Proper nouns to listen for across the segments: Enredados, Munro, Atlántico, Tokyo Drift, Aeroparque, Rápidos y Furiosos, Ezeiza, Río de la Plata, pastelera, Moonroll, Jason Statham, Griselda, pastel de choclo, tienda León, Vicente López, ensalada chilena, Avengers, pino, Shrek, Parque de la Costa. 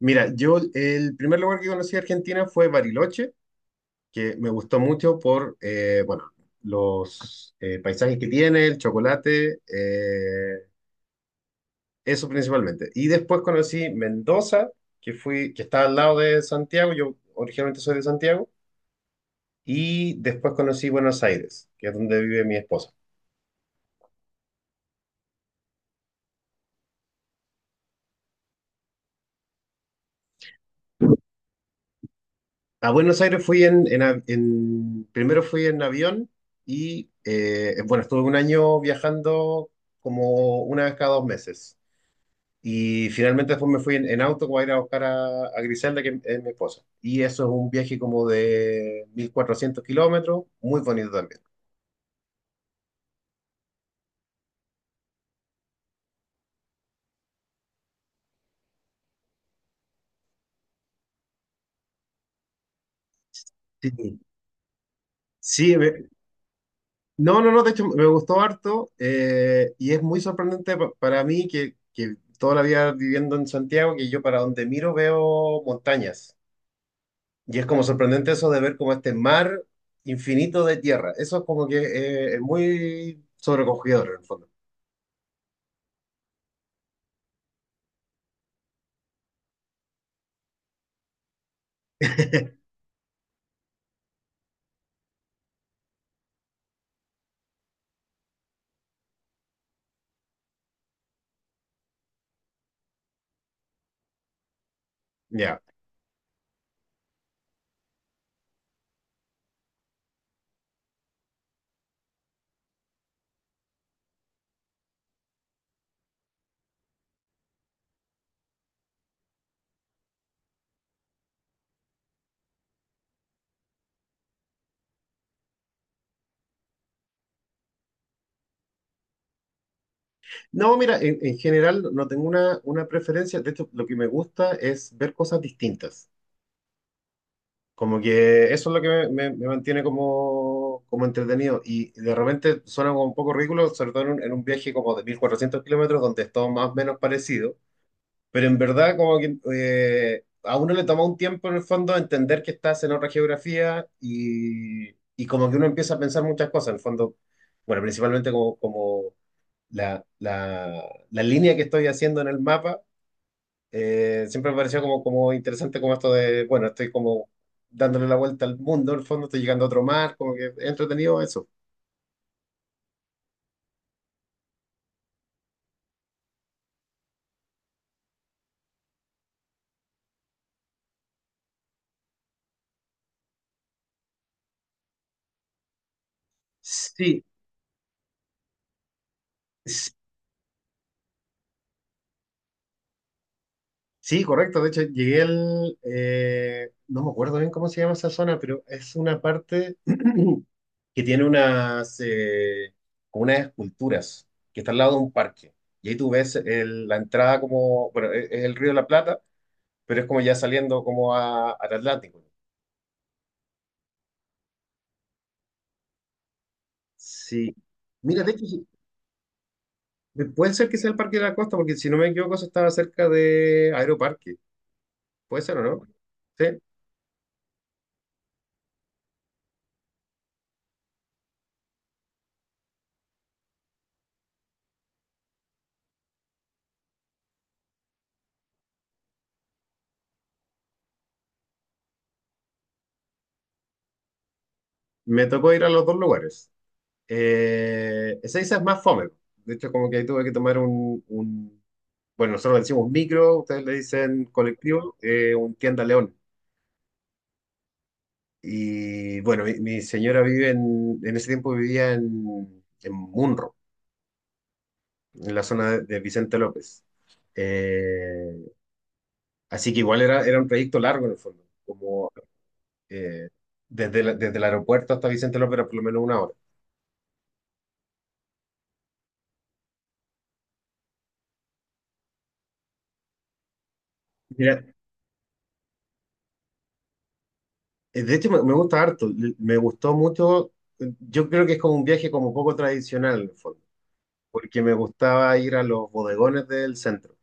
Mira, yo el primer lugar que conocí de Argentina fue Bariloche, que me gustó mucho por, bueno, los paisajes que tiene, el chocolate, eso principalmente. Y después conocí Mendoza, que fui, que está al lado de Santiago. Yo originalmente soy de Santiago, y después conocí Buenos Aires, que es donde vive mi esposa. A Buenos Aires fui primero fui en avión y bueno, estuve un año viajando como una vez cada dos meses. Y finalmente después me fui en auto para ir a buscar a Griselda, que es mi esposa. Y eso es un viaje como de 1400 km, muy bonito también. Sí. Sí, no, no, no, de hecho me gustó harto, y es muy sorprendente para mí que toda la vida viviendo en Santiago, que yo para donde miro veo montañas. Y es como sorprendente eso de ver como este mar infinito de tierra. Eso es como que es muy sobrecogedor en el fondo. Ya. No, mira, en general no tengo una preferencia. De hecho, lo que me gusta es ver cosas distintas. Como que eso es lo que me mantiene como, como entretenido. Y de repente suena como un poco ridículo, sobre todo en en un viaje como de 1400 kilómetros, donde es todo más o menos parecido. Pero en verdad, como que a uno le toma un tiempo en el fondo entender que estás en otra geografía, y como que uno empieza a pensar muchas cosas. En el fondo, bueno, principalmente como, como la línea que estoy haciendo en el mapa, siempre me pareció como, como interesante como esto de, bueno, estoy como dándole la vuelta al mundo. En el fondo estoy llegando a otro mar, como que es entretenido eso. Sí, s- sí, correcto. De hecho, llegué al, no me acuerdo bien cómo se llama esa zona, pero es una parte que tiene unas, como unas esculturas que está al lado de un parque. Y ahí tú ves la entrada como, bueno, es el Río de la Plata, pero es como ya saliendo como a, al Atlántico. Sí. Mira, de hecho, sí, puede ser que sea el Parque de la Costa, porque si no me equivoco, eso estaba cerca de Aeroparque. ¿Puede ser o no? Sí. Me tocó ir a los dos lugares. Ezeiza es más fome. De hecho, como que ahí tuve que tomar bueno, nosotros le decimos micro, ustedes le dicen colectivo, un tienda León. Y bueno, mi señora vive en ese tiempo vivía en Munro, en la zona de Vicente López. Eh, así que igual era, era un trayecto largo en el fondo, como eh, desde, desde el aeropuerto hasta Vicente López era por lo menos una hora. Mira, de hecho me, me gustó mucho, yo creo que es como un viaje como poco tradicional en el fondo, porque me gustaba ir a los bodegones del centro.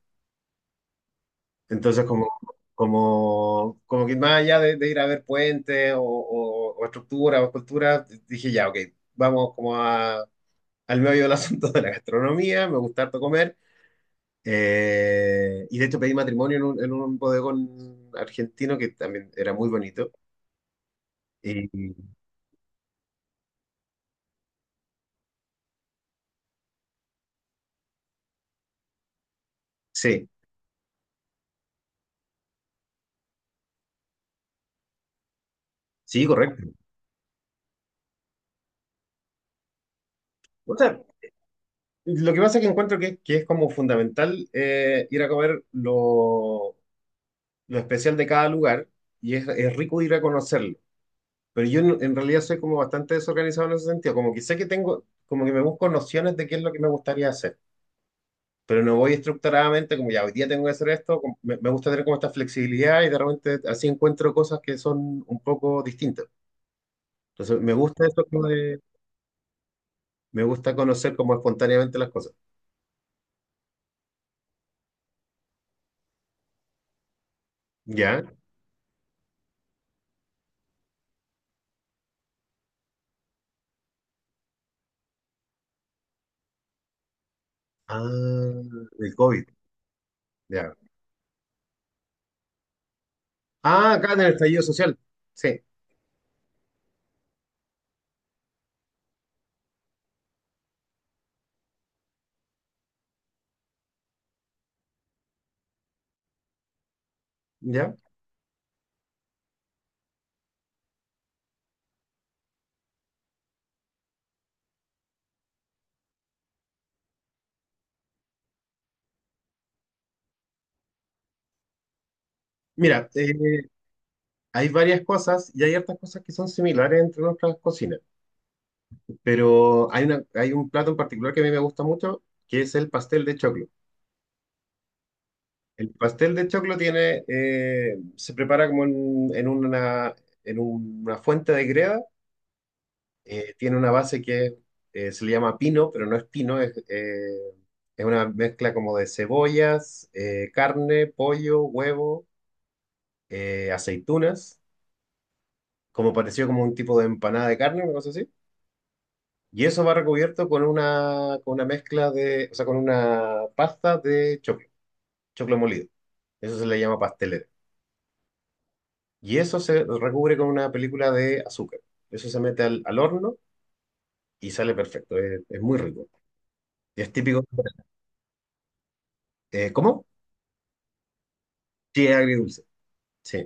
Entonces como, como, como que más allá de ir a ver puentes o estructuras o esculturas, dije ya, ok, vamos como a al medio del asunto de la gastronomía, me gusta harto comer. Y de hecho pedí matrimonio en en un bodegón argentino que también era muy bonito. Y, sí, sí, correcto. O sea, lo que pasa es que encuentro que es como fundamental, ir a comer lo especial de cada lugar, y es rico ir a conocerlo. Pero yo en realidad soy como bastante desorganizado en ese sentido, como que sé que tengo, como que me busco nociones de qué es lo que me gustaría hacer. Pero no voy estructuradamente como ya hoy día tengo que hacer esto, me, me gusta tener como esta flexibilidad, y de repente así encuentro cosas que son un poco distintas. Entonces me gusta eso como de, me gusta conocer como espontáneamente las cosas. ¿Ya? Ah, el COVID, ya. Ah, acá en el estallido social. Sí, ¿ya? Mira, hay varias cosas y hay hartas cosas que son similares entre nuestras cocinas, pero hay una, hay un plato en particular que a mí me gusta mucho, que es el pastel de choclo. El pastel de choclo tiene, se prepara como en una fuente de greda. Tiene una base que se le llama pino, pero no es pino, es una mezcla como de cebollas, carne, pollo, huevo, aceitunas, como pareció como un tipo de empanada de carne, una cosa así. Y eso va recubierto con una mezcla de, o sea, con una pasta de choclo, choclo molido. Eso se le llama pastelera. Y eso se recubre con una película de azúcar. Eso se mete al horno y sale perfecto. Es muy rico. Y es típico. ¿Cómo? Sí, es agridulce. Sí,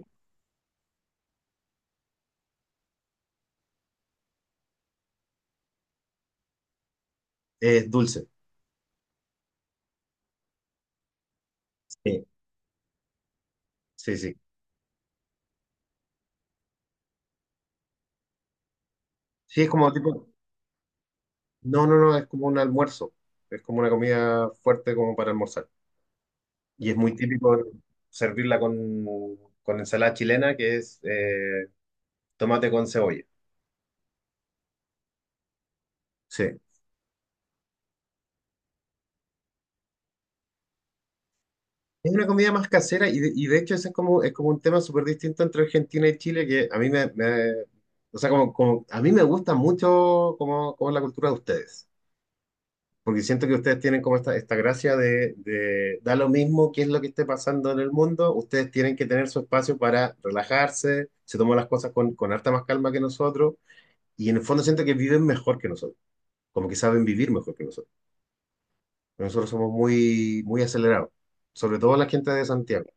es dulce. Sí, sí, sí. Sí, es como tipo. No, no, no, es como un almuerzo. Es como una comida fuerte como para almorzar. Y es muy típico servirla con ensalada chilena, que es tomate con cebolla. Sí. Es una comida más casera, y de hecho ese es como un tema súper distinto entre Argentina y Chile que a mí o sea, como, a mí me gusta mucho como, como la cultura de ustedes, porque siento que ustedes tienen como esta gracia de da lo mismo qué es lo que esté pasando en el mundo. Ustedes tienen que tener su espacio para relajarse, se toman las cosas con harta más calma que nosotros, y en el fondo siento que viven mejor que nosotros, como que saben vivir mejor que nosotros. Nosotros somos muy, muy acelerados, sobre todo la gente de Santiago.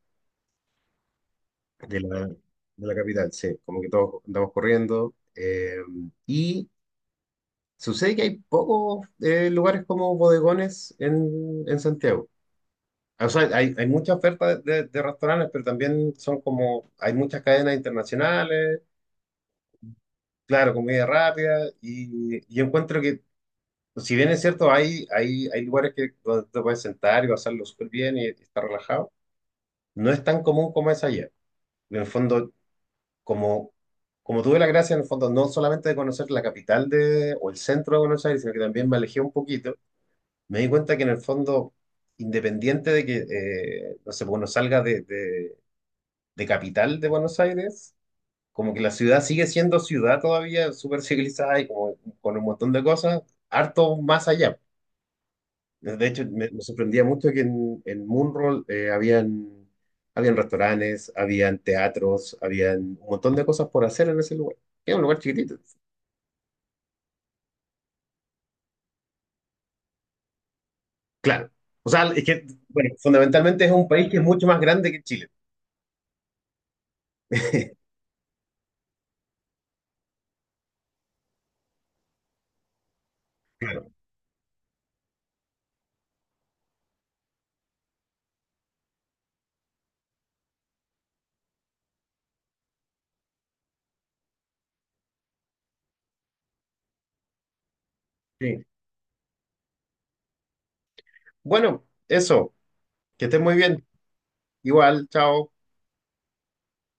De la capital, sí, como que todos andamos corriendo. Y sucede que hay pocos lugares como bodegones en Santiago. O sea, hay mucha oferta de, de restaurantes, pero también son como, hay muchas cadenas internacionales, claro, comida rápida, y encuentro que, si bien es cierto, hay lugares que, donde te puedes sentar y pasarlo súper bien y estar relajado, no es tan común como es allá. En el fondo, como, como tuve la gracia en el fondo no solamente de conocer la capital de, o el centro de Buenos Aires, sino que también me alejé un poquito, me di cuenta que en el fondo, independiente de que, no sé, pues, uno salga de capital de Buenos Aires, como que la ciudad sigue siendo ciudad todavía, súper civilizada y como, con un montón de cosas, harto más allá. De hecho, me sorprendía mucho que en Moonroll habían, habían restaurantes, habían teatros, habían un montón de cosas por hacer en ese lugar. Es un lugar chiquitito, claro. O sea, es que, bueno, fundamentalmente es un país que es mucho más grande que Chile. Claro, sí. Bueno, eso, que estén muy bien. Igual, chao.